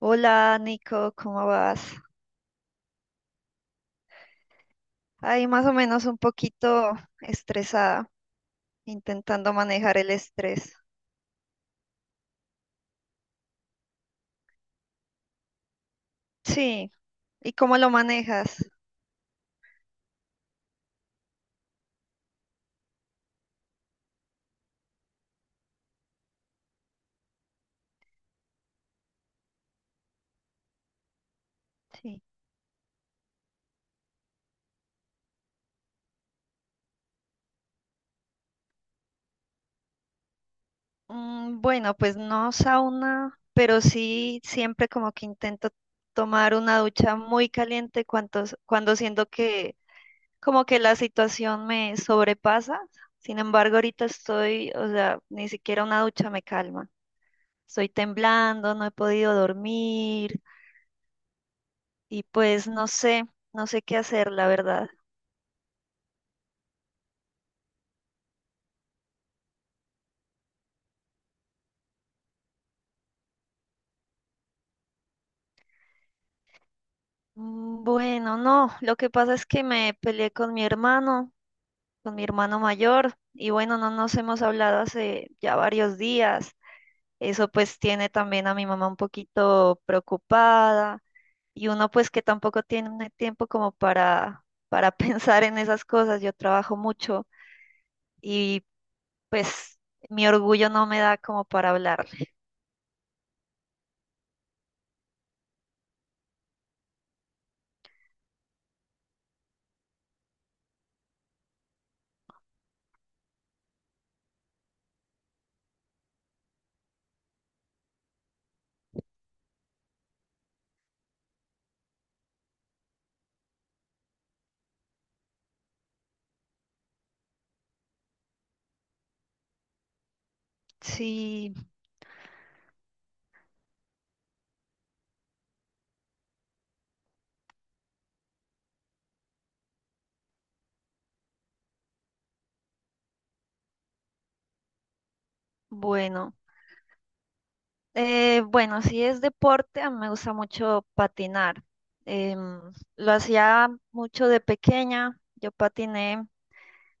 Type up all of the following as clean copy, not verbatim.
Hola Nico, ¿cómo vas? Ahí más o menos un poquito estresada, intentando manejar el estrés. Sí, ¿y cómo lo manejas? Sí. Bueno, pues no sauna, pero sí siempre como que intento tomar una ducha muy caliente cuando siento que como que la situación me sobrepasa. Sin embargo, ahorita estoy, o sea, ni siquiera una ducha me calma. Estoy temblando, no he podido dormir. Y pues no sé, no sé qué hacer, la verdad. Bueno, no, lo que pasa es que me peleé con mi hermano mayor, y bueno, no nos hemos hablado hace ya varios días. Eso pues tiene también a mi mamá un poquito preocupada, y uno pues que tampoco tiene tiempo como para pensar en esas cosas. Yo trabajo mucho y pues mi orgullo no me da como para hablarle. Sí, bueno. Bueno, si es deporte, a mí me gusta mucho patinar. Em, lo hacía mucho de pequeña. Yo patiné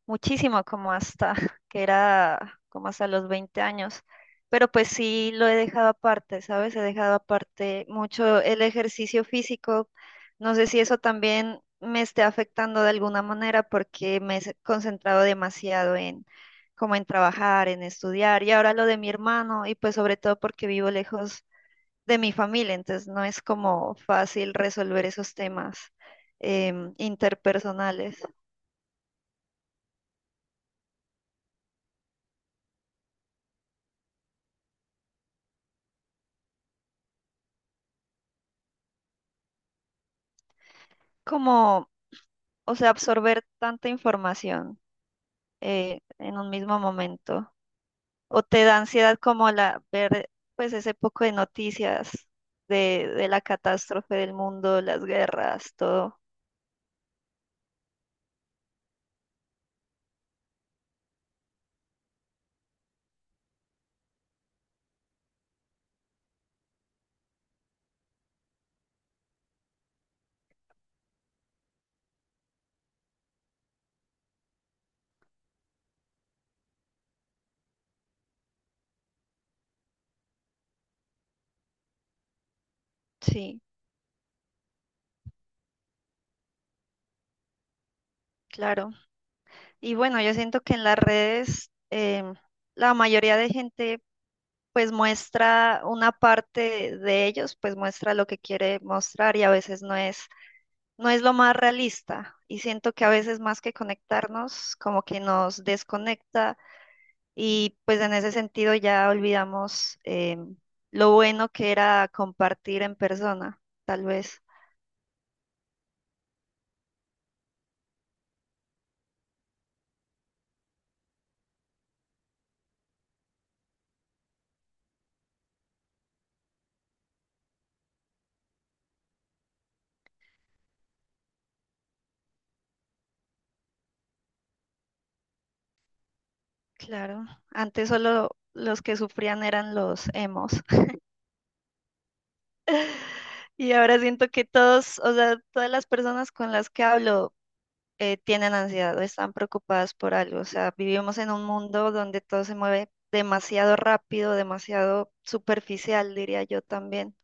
muchísimo, como hasta que era como hasta los 20 años. Pero pues sí lo he dejado aparte, ¿sabes? He dejado aparte mucho el ejercicio físico. No sé si eso también me esté afectando de alguna manera porque concentrado demasiado en como en trabajar, en estudiar y ahora lo de mi hermano y pues sobre todo porque vivo lejos de mi familia, entonces no es como fácil resolver esos temas interpersonales. Como, o sea, absorber tanta información en un mismo momento. O te da ansiedad como la ver pues ese poco de noticias de la catástrofe del mundo, las guerras, todo. Sí, claro. Y bueno, yo siento que en las redes la mayoría de gente pues muestra una parte de ellos, pues muestra lo que quiere mostrar y a veces no es lo más realista y siento que a veces más que conectarnos, como que nos desconecta. Y pues en ese sentido ya olvidamos lo bueno que era compartir en persona, tal vez. Claro, antes solo los que sufrían eran los emos. Y ahora siento que todos, o sea, todas las personas con las que hablo tienen ansiedad o están preocupadas por algo. O sea, vivimos en un mundo donde todo se mueve demasiado rápido, demasiado superficial, diría yo también.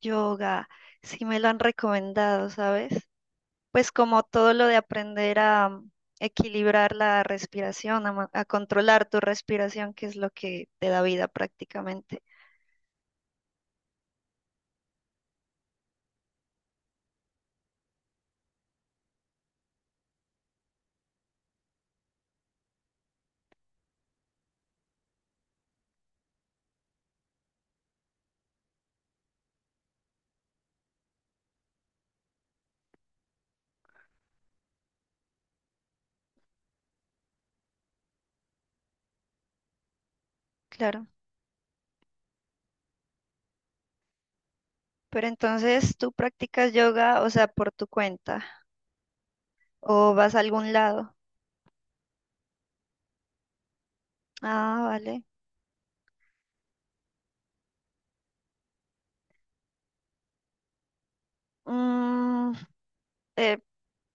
Yoga, sí me lo han recomendado, ¿sabes? Pues como todo lo de aprender a equilibrar la respiración, a, a controlar tu respiración, que es lo que te da vida prácticamente. Claro. Pero entonces tú practicas yoga, o sea, ¿por tu cuenta, o vas a algún lado? Ah, vale. Mm, eh,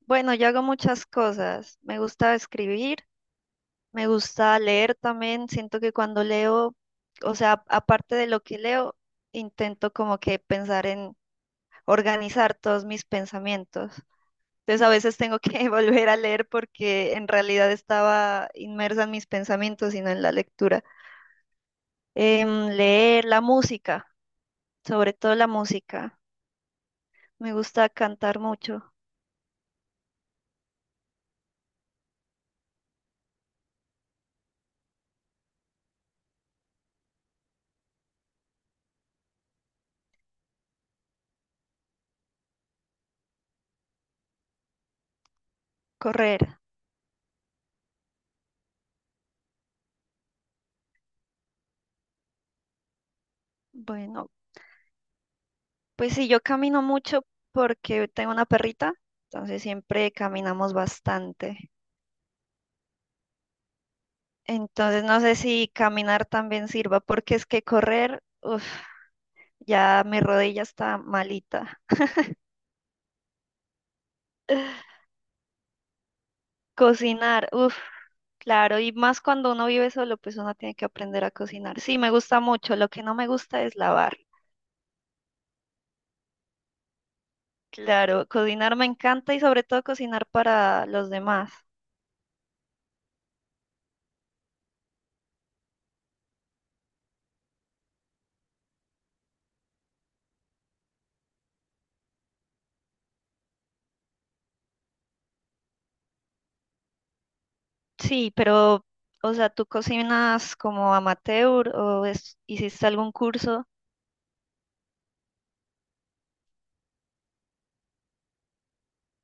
bueno, yo hago muchas cosas. Me gusta escribir, me gusta leer también. Siento que cuando leo, o sea, aparte de lo que leo, intento como que pensar en organizar todos mis pensamientos. Entonces a veces tengo que volver a leer porque en realidad estaba inmersa en mis pensamientos y no en la lectura. Leer la música, sobre todo la música. Me gusta cantar mucho, correr. Bueno, pues sí, yo camino mucho porque tengo una perrita, entonces siempre caminamos bastante. Entonces no sé si caminar también sirva porque es que correr, uf, ya mi rodilla está malita. Cocinar, uff, claro, y más cuando uno vive solo, pues uno tiene que aprender a cocinar. Sí, me gusta mucho, lo que no me gusta es lavar. Claro, cocinar me encanta y sobre todo cocinar para los demás. Sí, pero, o sea, ¿tú cocinas como amateur o hiciste algún curso?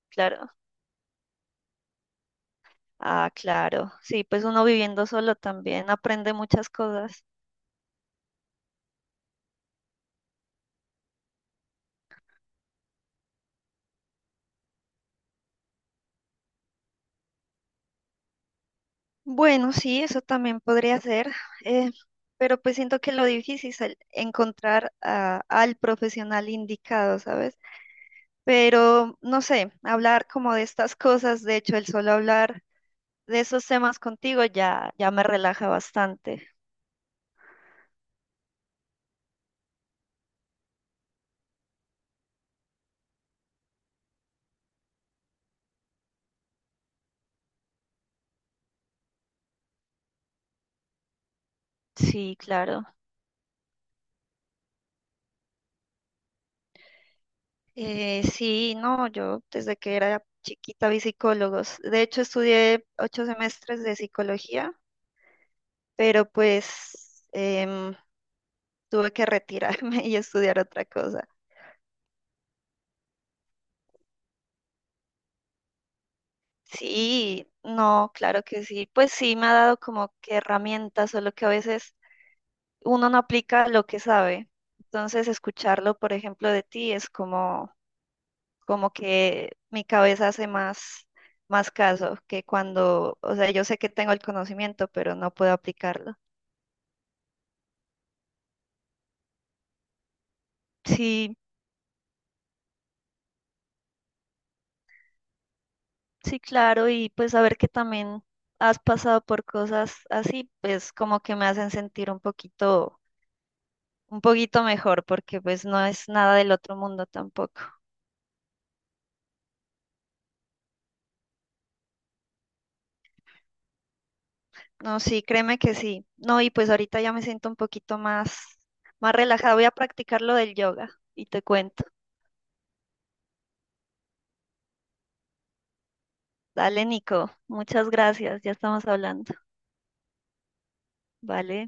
Claro. Ah, claro. Sí, pues uno viviendo solo también aprende muchas cosas. Bueno, sí, eso también podría ser, eh, pero pues siento que lo difícil es el encontrar al profesional indicado, ¿sabes? Pero no sé, hablar como de estas cosas, de hecho, el solo hablar de esos temas contigo ya, ya me relaja bastante. Sí, claro. Sí, no, yo desde que era chiquita vi psicólogos. De hecho, estudié 8 semestres de psicología, pero pues em, tuve que retirarme y estudiar otra cosa. Sí, no, claro que sí. Pues sí, me ha dado como que herramientas, solo que a veces uno no aplica lo que sabe. Entonces, escucharlo, por ejemplo, de ti es como, como que mi cabeza hace más, más caso que cuando, o sea, yo sé que tengo el conocimiento, pero no puedo aplicarlo. Sí, sí, claro, y pues saber que también has pasado por cosas así, pues como que me hacen sentir un poquito mejor, porque pues no es nada del otro mundo tampoco. No, sí, créeme que sí. No, y pues ahorita ya me siento un poquito más, más relajada. Voy a practicar lo del yoga y te cuento. Dale, Nico. Muchas gracias. Ya estamos hablando. Vale.